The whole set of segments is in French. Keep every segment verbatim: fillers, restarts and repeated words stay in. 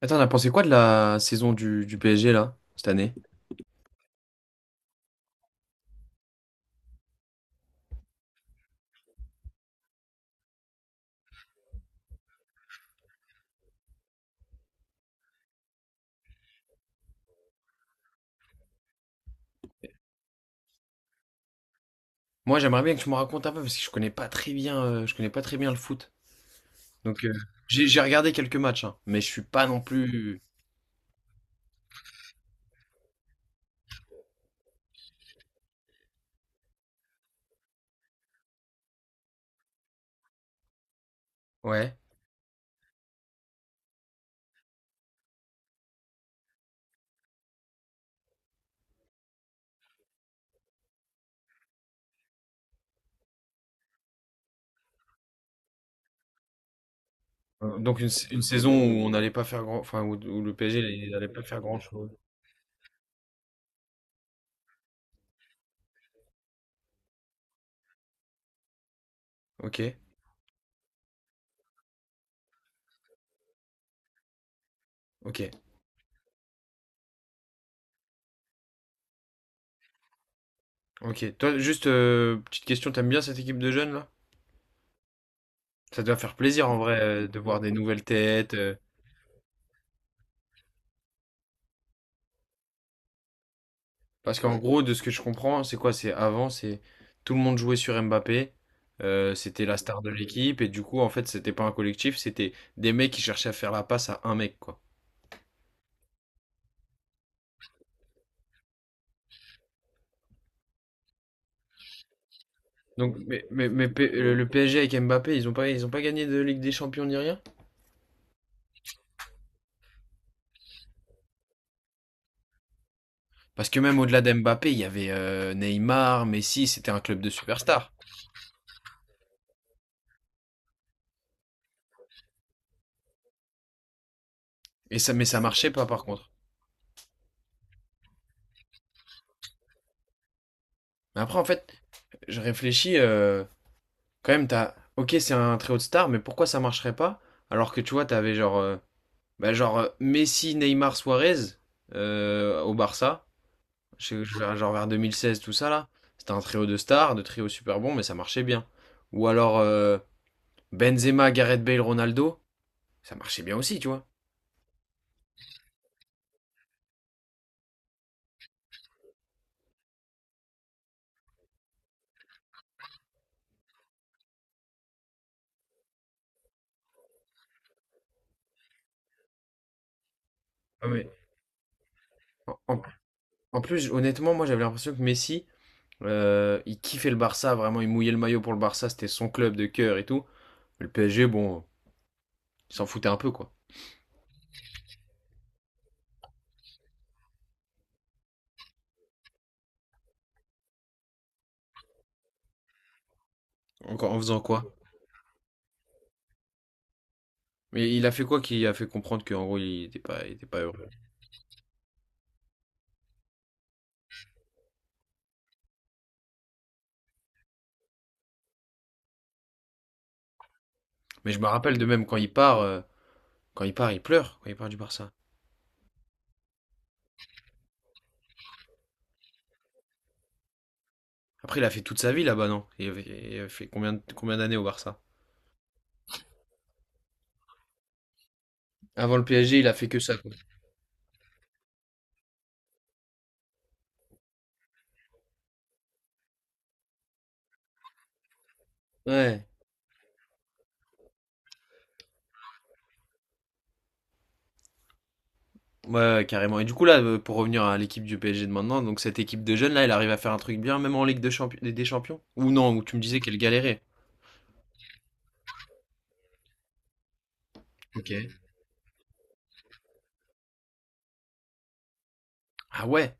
Attends, on a pensé quoi de la saison du, du P S G là, cette année? Moi, j'aimerais bien que tu me racontes un peu parce que je connais pas très bien, euh, je connais pas très bien le foot. Donc, euh, j'ai j'ai regardé quelques matchs, hein, mais je suis pas non plus. Ouais. Euh, Donc une, sa- une saison où on n'allait pas faire grand, enfin où, où le P S G n'allait pas faire grand-chose. Ok, ok. Ok. Toi, juste euh, petite question, t'aimes bien cette équipe de jeunes là? Ça doit faire plaisir en vrai euh, de voir des nouvelles têtes. Euh, parce qu'en gros, de ce que je comprends, c'est quoi? C'est avant, c'est tout le monde jouait sur Mbappé. Euh, c'était la star de l'équipe et du coup, en fait, c'était pas un collectif, c'était des mecs qui cherchaient à faire la passe à un mec quoi. Donc, mais, mais, mais P- le le P S G avec Mbappé, ils ont pas, ils ont pas gagné de Ligue des Champions ni rien? Parce que même au-delà d'Mbappé, il y avait euh, Neymar, Messi, c'était un club de superstars. Et ça, mais ça marchait pas par contre. Mais après, en fait, je réfléchis, euh, quand même, t'as. Ok, c'est un trio de stars, mais pourquoi ça marcherait pas? Alors que tu vois, t'avais genre, euh, bah, genre euh, Messi, Neymar, Suarez euh, au Barça, je- je- genre vers deux mille seize, tout ça là. C'était un trio de stars, de trio super bon, mais ça marchait bien. Ou alors euh, Benzema, Gareth Bale, Ronaldo, ça marchait bien aussi, tu vois. Ah, mais en, en- En plus, honnêtement, moi j'avais l'impression que Messi, euh, il kiffait le Barça, vraiment, il mouillait le maillot pour le Barça, c'était son club de cœur et tout. Le P S G, bon, il s'en foutait un peu, quoi. En, en faisant quoi? Mais il a fait quoi qui a fait comprendre qu'en gros il était pas, il était pas heureux? Mais je me rappelle de même quand il part, euh, quand il part, il pleure quand il part du Barça. Après, il a fait toute sa vie là-bas, non? Il, avait- il a fait combien, de- combien d'années au Barça? Avant le P S G, il a fait que ça, quoi. Ouais. Ouais, ouais, carrément. Et du coup, là, euh, pour revenir à l'équipe du P S G de maintenant, donc cette équipe de jeunes là, elle arrive à faire un truc bien, même en Ligue de Champions, des Champions? Ou non, où tu me disais qu'elle galérait. Ok. Ah ouais.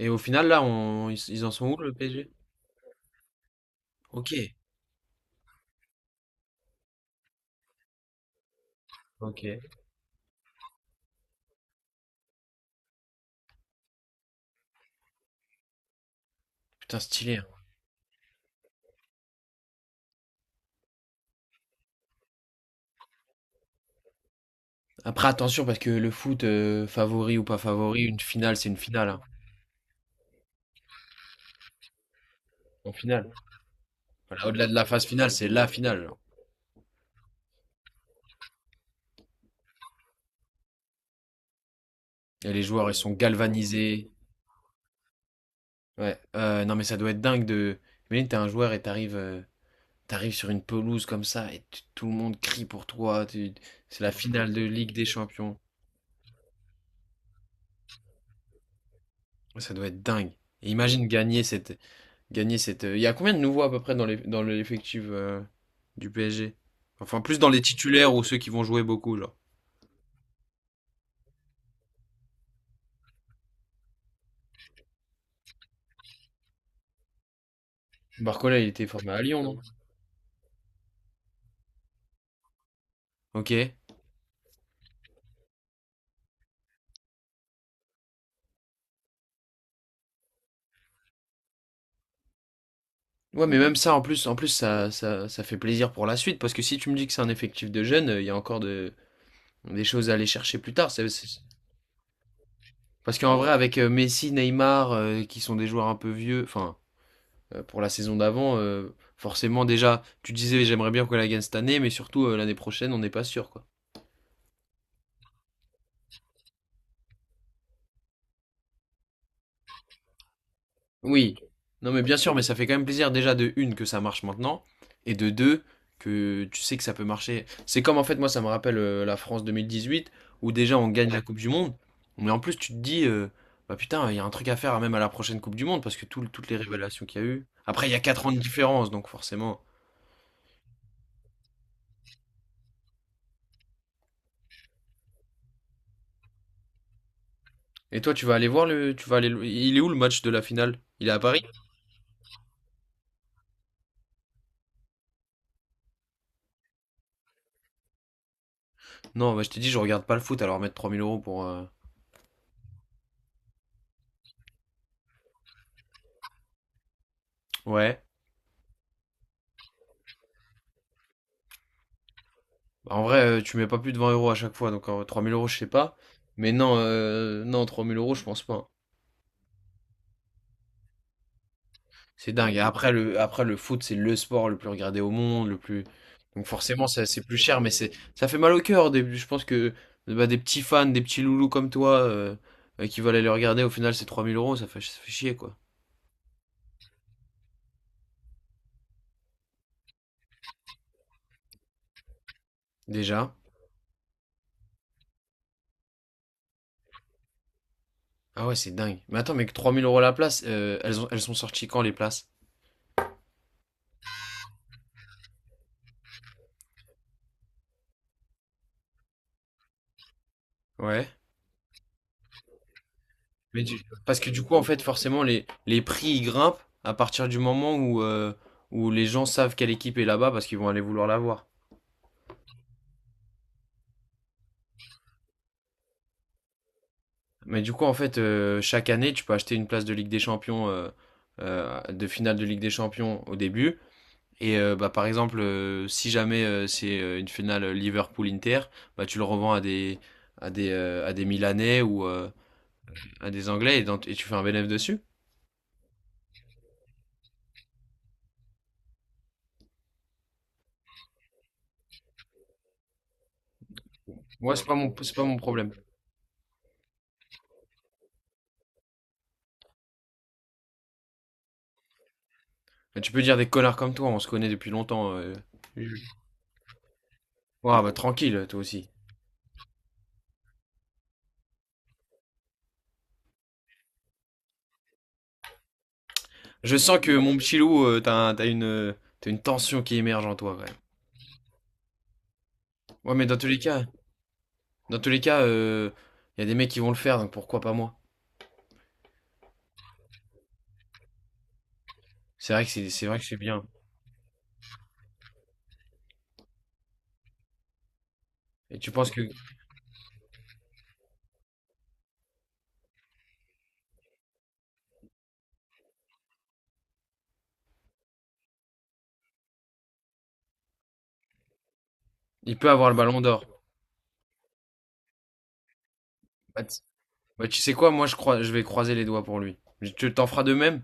Et au final, là, on- ils, ils en sont où, le P S G? Ok. Ok. Putain, stylé, hein. Après, attention, parce que le foot, euh, favori ou pas favori, une finale, c'est une finale, hein. En finale. Voilà, au-delà de la phase finale, c'est la finale. Et les joueurs, ils sont galvanisés. Ouais. Euh, non, mais ça doit être dingue de. Imagine, t'es un joueur et t'arrives euh, t'arrives sur une pelouse comme ça et tu- tout le monde crie pour toi. Tu- C'est la finale de Ligue des Champions. Ouais, ça doit être dingue. Et imagine gagner cette. Gagner cette. Euh, Il y a combien de nouveaux à peu près dans les... dans l'effectif euh, du P S G? Enfin, plus dans les titulaires ou ceux qui vont jouer beaucoup, genre. Barcola, il était formé à Lyon, non? Ok. Ouais, mais même ça, en plus, en plus ça, ça, ça fait plaisir pour la suite, parce que si tu me dis que c'est un effectif de jeunes, euh, il y a encore de, des choses à aller chercher plus tard. C'est- c'est- Parce qu'en vrai, avec euh, Messi, Neymar, euh, qui sont des joueurs un peu vieux, enfin, euh, pour la saison d'avant, euh, forcément, déjà, tu disais, j'aimerais bien qu'on la gagne cette année, mais surtout, euh, l'année prochaine, on n'est pas sûr, quoi. Oui, non mais bien sûr, mais ça fait quand même plaisir déjà de une que ça marche maintenant, et de deux que tu sais que ça peut marcher. C'est comme en fait moi ça me rappelle euh, la France deux mille dix-huit où déjà on gagne la Coupe du Monde, mais en plus tu te dis euh, bah putain il y a un truc à faire même à la prochaine Coupe du Monde parce que tout, le- toutes les révélations qu'il y a eu. Après il y a quatre ans de différence donc forcément. Et toi tu vas aller voir le, tu vas aller, le- il est où le match de la finale? Il est à Paris? Non, bah, je t'ai dit je regarde pas le foot alors mettre trois mille euros pour. Euh, Ouais. Bah, en vrai, euh, tu mets pas plus de vingt euros à chaque fois, donc euh, trois mille euros, je sais pas. Mais non, euh, non, trois mille euros, je pense pas, hein. C'est dingue. Et après le, après, le foot, c'est le sport le plus regardé au monde, le plus. Donc forcément, ça, c'est plus cher, mais c'est, ça fait mal au cœur au début. Je pense que bah, des petits fans, des petits loulous comme toi, euh, euh, qui veulent aller le regarder, au final, c'est trois mille euros, ça fait, ça fait chier, quoi. Déjà. Ah ouais, c'est dingue. Mais attends, mais que trois mille euros la place, euh, elles ont, elles sont sorties quand les places? Ouais. Mais du- parce que du coup, en fait, forcément, les, les prix ils grimpent à partir du moment où, euh, où les gens savent quelle équipe est là-bas parce qu'ils vont aller vouloir la voir. Mais du coup, en fait, euh, chaque année, tu peux acheter une place de Ligue des Champions, euh, euh, de finale de Ligue des Champions au début. Et euh, bah, par exemple, euh, si jamais euh, c'est euh, une finale euh, Liverpool-Inter, bah, tu le revends à des, à des, euh, à des Milanais ou euh, à des Anglais et, dans- et tu fais un bénéfice dessus. Moi, c'est pas mon, c'est pas mon problème. Mais tu peux dire des connards comme toi, on se connaît depuis longtemps. Euh, ouais bah, tranquille, toi aussi. Je sens que mon petit loup, euh, t'as, un- t'as une, euh, t'as une tension qui émerge en toi, quand même. Ouais, mais dans tous les cas, dans tous les cas, il y a des mecs qui vont le faire, donc pourquoi pas moi? C'est vrai que c'est, c'est vrai que c'est bien. Et tu penses que il peut avoir le ballon d'or? Bah, t- Bah, tu sais quoi, moi je crois, je vais croiser les doigts pour lui. Je- Tu t'en feras de même?